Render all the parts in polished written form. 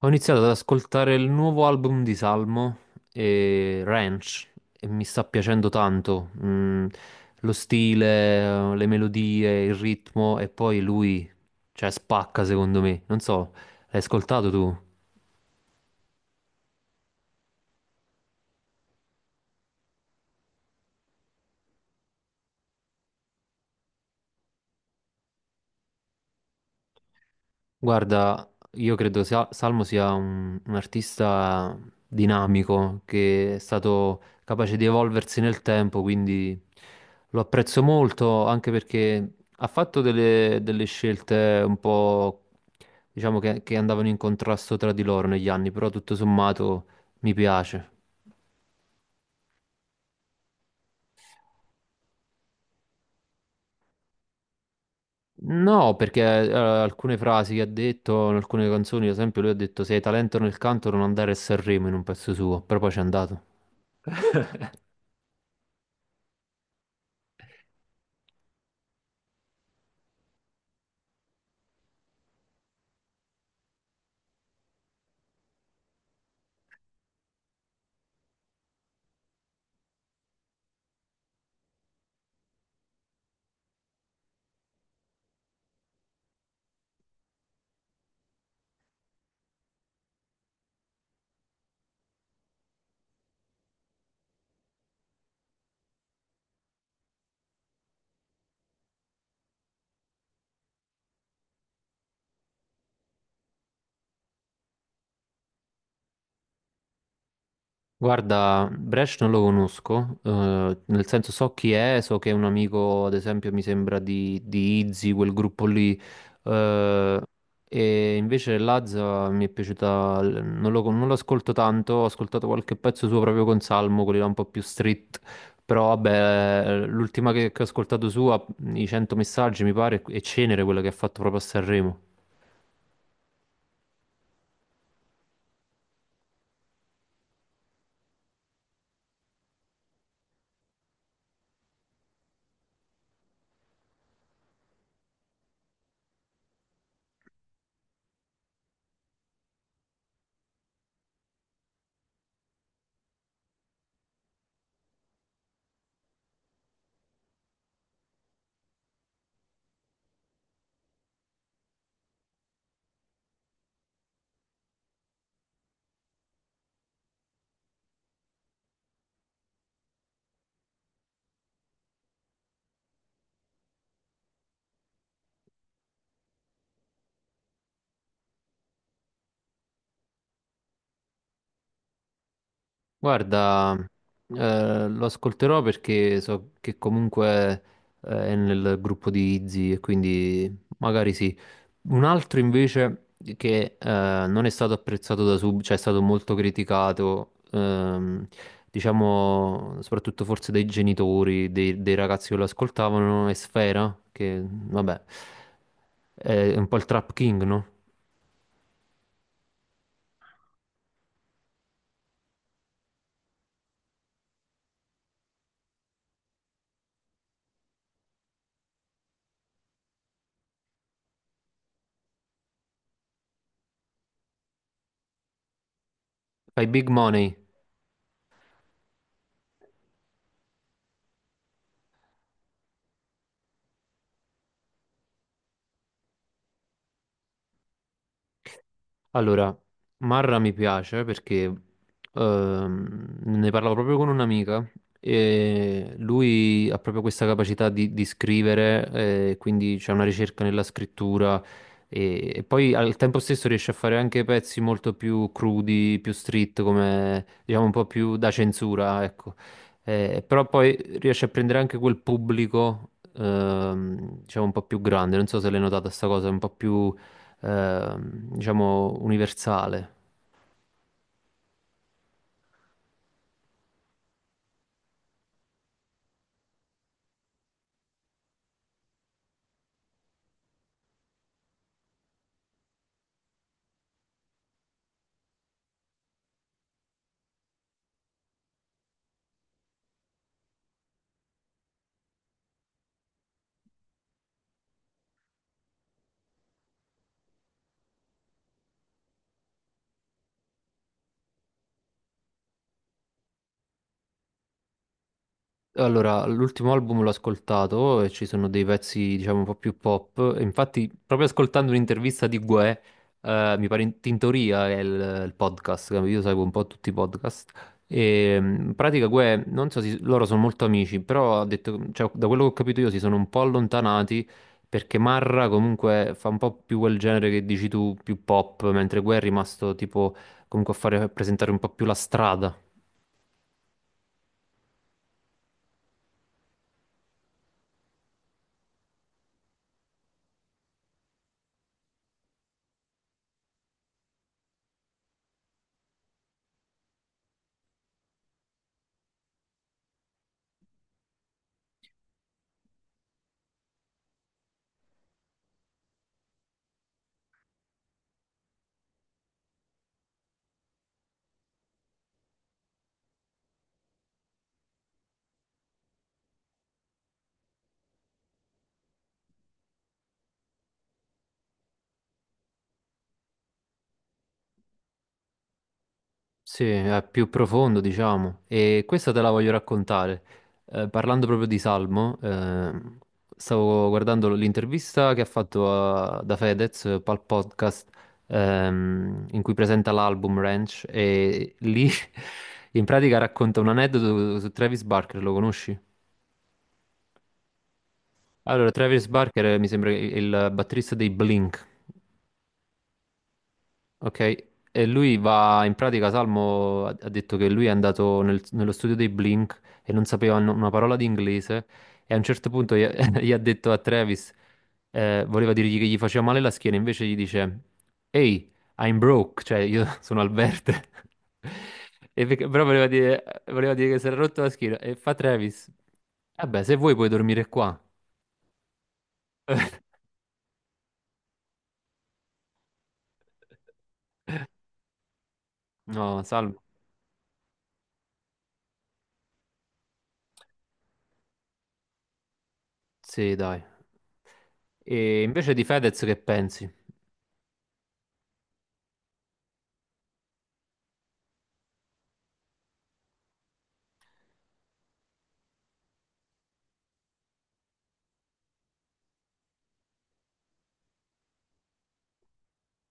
Ho iniziato ad ascoltare il nuovo album di Salmo, e Ranch, e mi sta piacendo tanto. Lo stile, le melodie, il ritmo e poi lui, cioè, spacca secondo me. Non so, l'hai ascoltato tu? Guarda, io credo Salmo sia un artista dinamico che è stato capace di evolversi nel tempo, quindi lo apprezzo molto anche perché ha fatto delle scelte un po', diciamo, che andavano in contrasto tra di loro negli anni, però tutto sommato mi piace. No, perché alcune frasi che ha detto in alcune canzoni, ad esempio, lui ha detto se hai talento nel canto non andare a Sanremo in un pezzo suo, però poi c'è andato. Guarda, Brescia non lo conosco, nel senso so chi è, so che è un amico, ad esempio, mi sembra di Izzy, quel gruppo lì, eh, e invece Lazza mi è piaciuta, non lo ascolto tanto, ho ascoltato qualche pezzo suo proprio con Salmo, quelli là un po' più street, però vabbè, l'ultima che ho ascoltato sua, i 100 messaggi mi pare, è Cenere, quella che ha fatto proprio a Sanremo. Guarda, lo ascolterò perché so che comunque è nel gruppo di Izzy e quindi magari sì. Un altro invece che non è stato apprezzato da sub, cioè è stato molto criticato, diciamo soprattutto forse dai genitori, dei ragazzi che lo ascoltavano, è Sfera, che vabbè, è un po' il trap king, no? Fai big money. Allora, Marra mi piace perché ne parlavo proprio con un'amica e lui ha proprio questa capacità di scrivere, quindi c'è una ricerca nella scrittura e poi al tempo stesso riesce a fare anche pezzi molto più crudi, più street, come diciamo un po' più da censura, ecco. Però poi riesce a prendere anche quel pubblico, diciamo un po' più grande, non so se l'hai notata sta cosa, un po' più diciamo, universale. Allora, l'ultimo album l'ho ascoltato e ci sono dei pezzi, diciamo, un po' più pop. E infatti, proprio ascoltando un'intervista di Guè, mi pare in Tintoria è il podcast, che io seguo un po' tutti i podcast. E in pratica Guè, non so se loro sono molto amici, però ha detto, cioè, da quello che ho capito io si sono un po' allontanati perché Marra comunque fa un po' più quel genere che dici tu, più pop, mentre Guè è rimasto tipo comunque a fare a presentare un po' più la strada. Sì, è più profondo, diciamo, e questa te la voglio raccontare. Parlando proprio di Salmo, stavo guardando l'intervista che ha fatto da Fedez al podcast in cui presenta l'album Ranch e lì in pratica racconta un aneddoto su Travis Barker, lo conosci? Allora, Travis Barker mi sembra il batterista dei Blink. Ok? E lui va, in pratica Salmo ha detto che lui è andato nello studio dei Blink e non sapeva una parola di inglese e a un certo punto gli, gli ha detto a Travis, voleva dirgli che gli faceva male la schiena, invece gli dice, ehi, I'm broke, cioè io sono al verde. E però voleva dire che si era rotto la schiena e fa Travis, vabbè, se vuoi puoi dormire qua. No, Salmo, sì, dai. E invece di Fedez che pensi?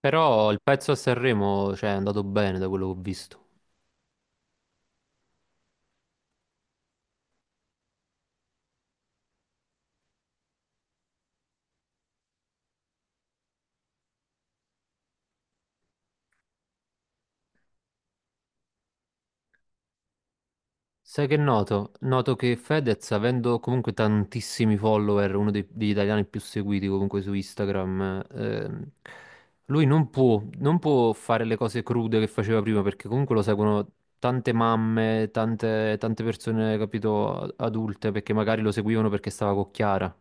Però il pezzo a Sanremo, cioè, è andato bene da quello che ho visto. Sai che noto? Noto che Fedez, avendo comunque tantissimi follower, uno degli italiani più seguiti comunque su Instagram, lui non può, non può fare le cose crude che faceva prima, perché comunque lo seguono tante mamme, tante persone, capito, adulte, perché magari lo seguivano perché stava con Chiara.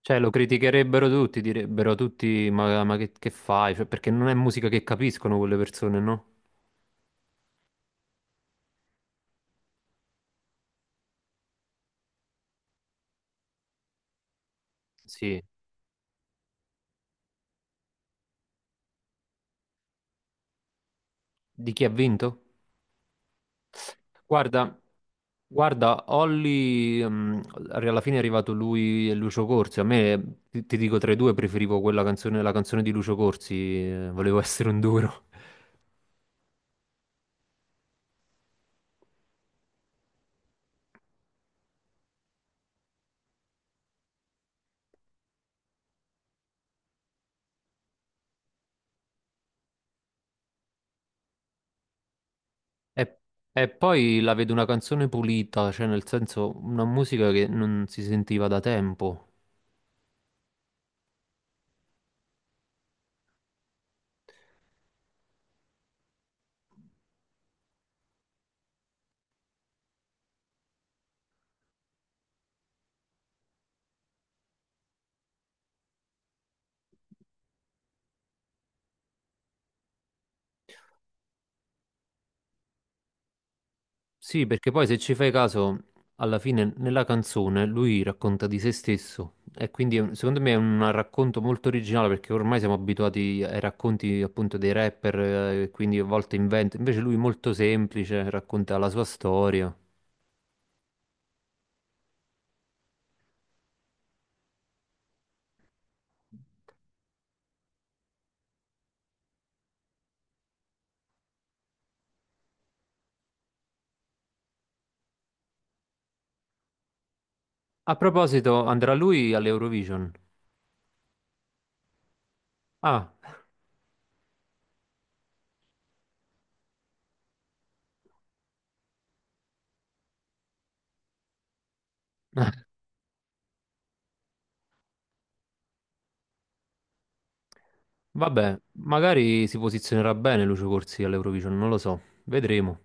Cioè, lo criticherebbero tutti, direbbero tutti, ma che fai? Cioè, perché non è musica che capiscono quelle persone, no? Sì, di chi ha vinto? Guarda, Olli, alla fine è arrivato lui e Lucio Corsi. A me, ti dico, tra i due preferivo quella canzone, la canzone di Lucio Corsi, volevo essere un duro. E, e poi la vedo una canzone pulita, cioè nel senso una musica che non si sentiva da tempo. Sì, perché poi se ci fai caso, alla fine nella canzone lui racconta di se stesso e quindi è secondo me è un racconto molto originale perché ormai siamo abituati ai racconti appunto dei rapper, quindi a volte inventa, invece lui molto semplice, racconta la sua storia. A proposito, andrà lui all'Eurovision? Ah, vabbè, magari si posizionerà bene Lucio Corsi all'Eurovision, non lo so, vedremo.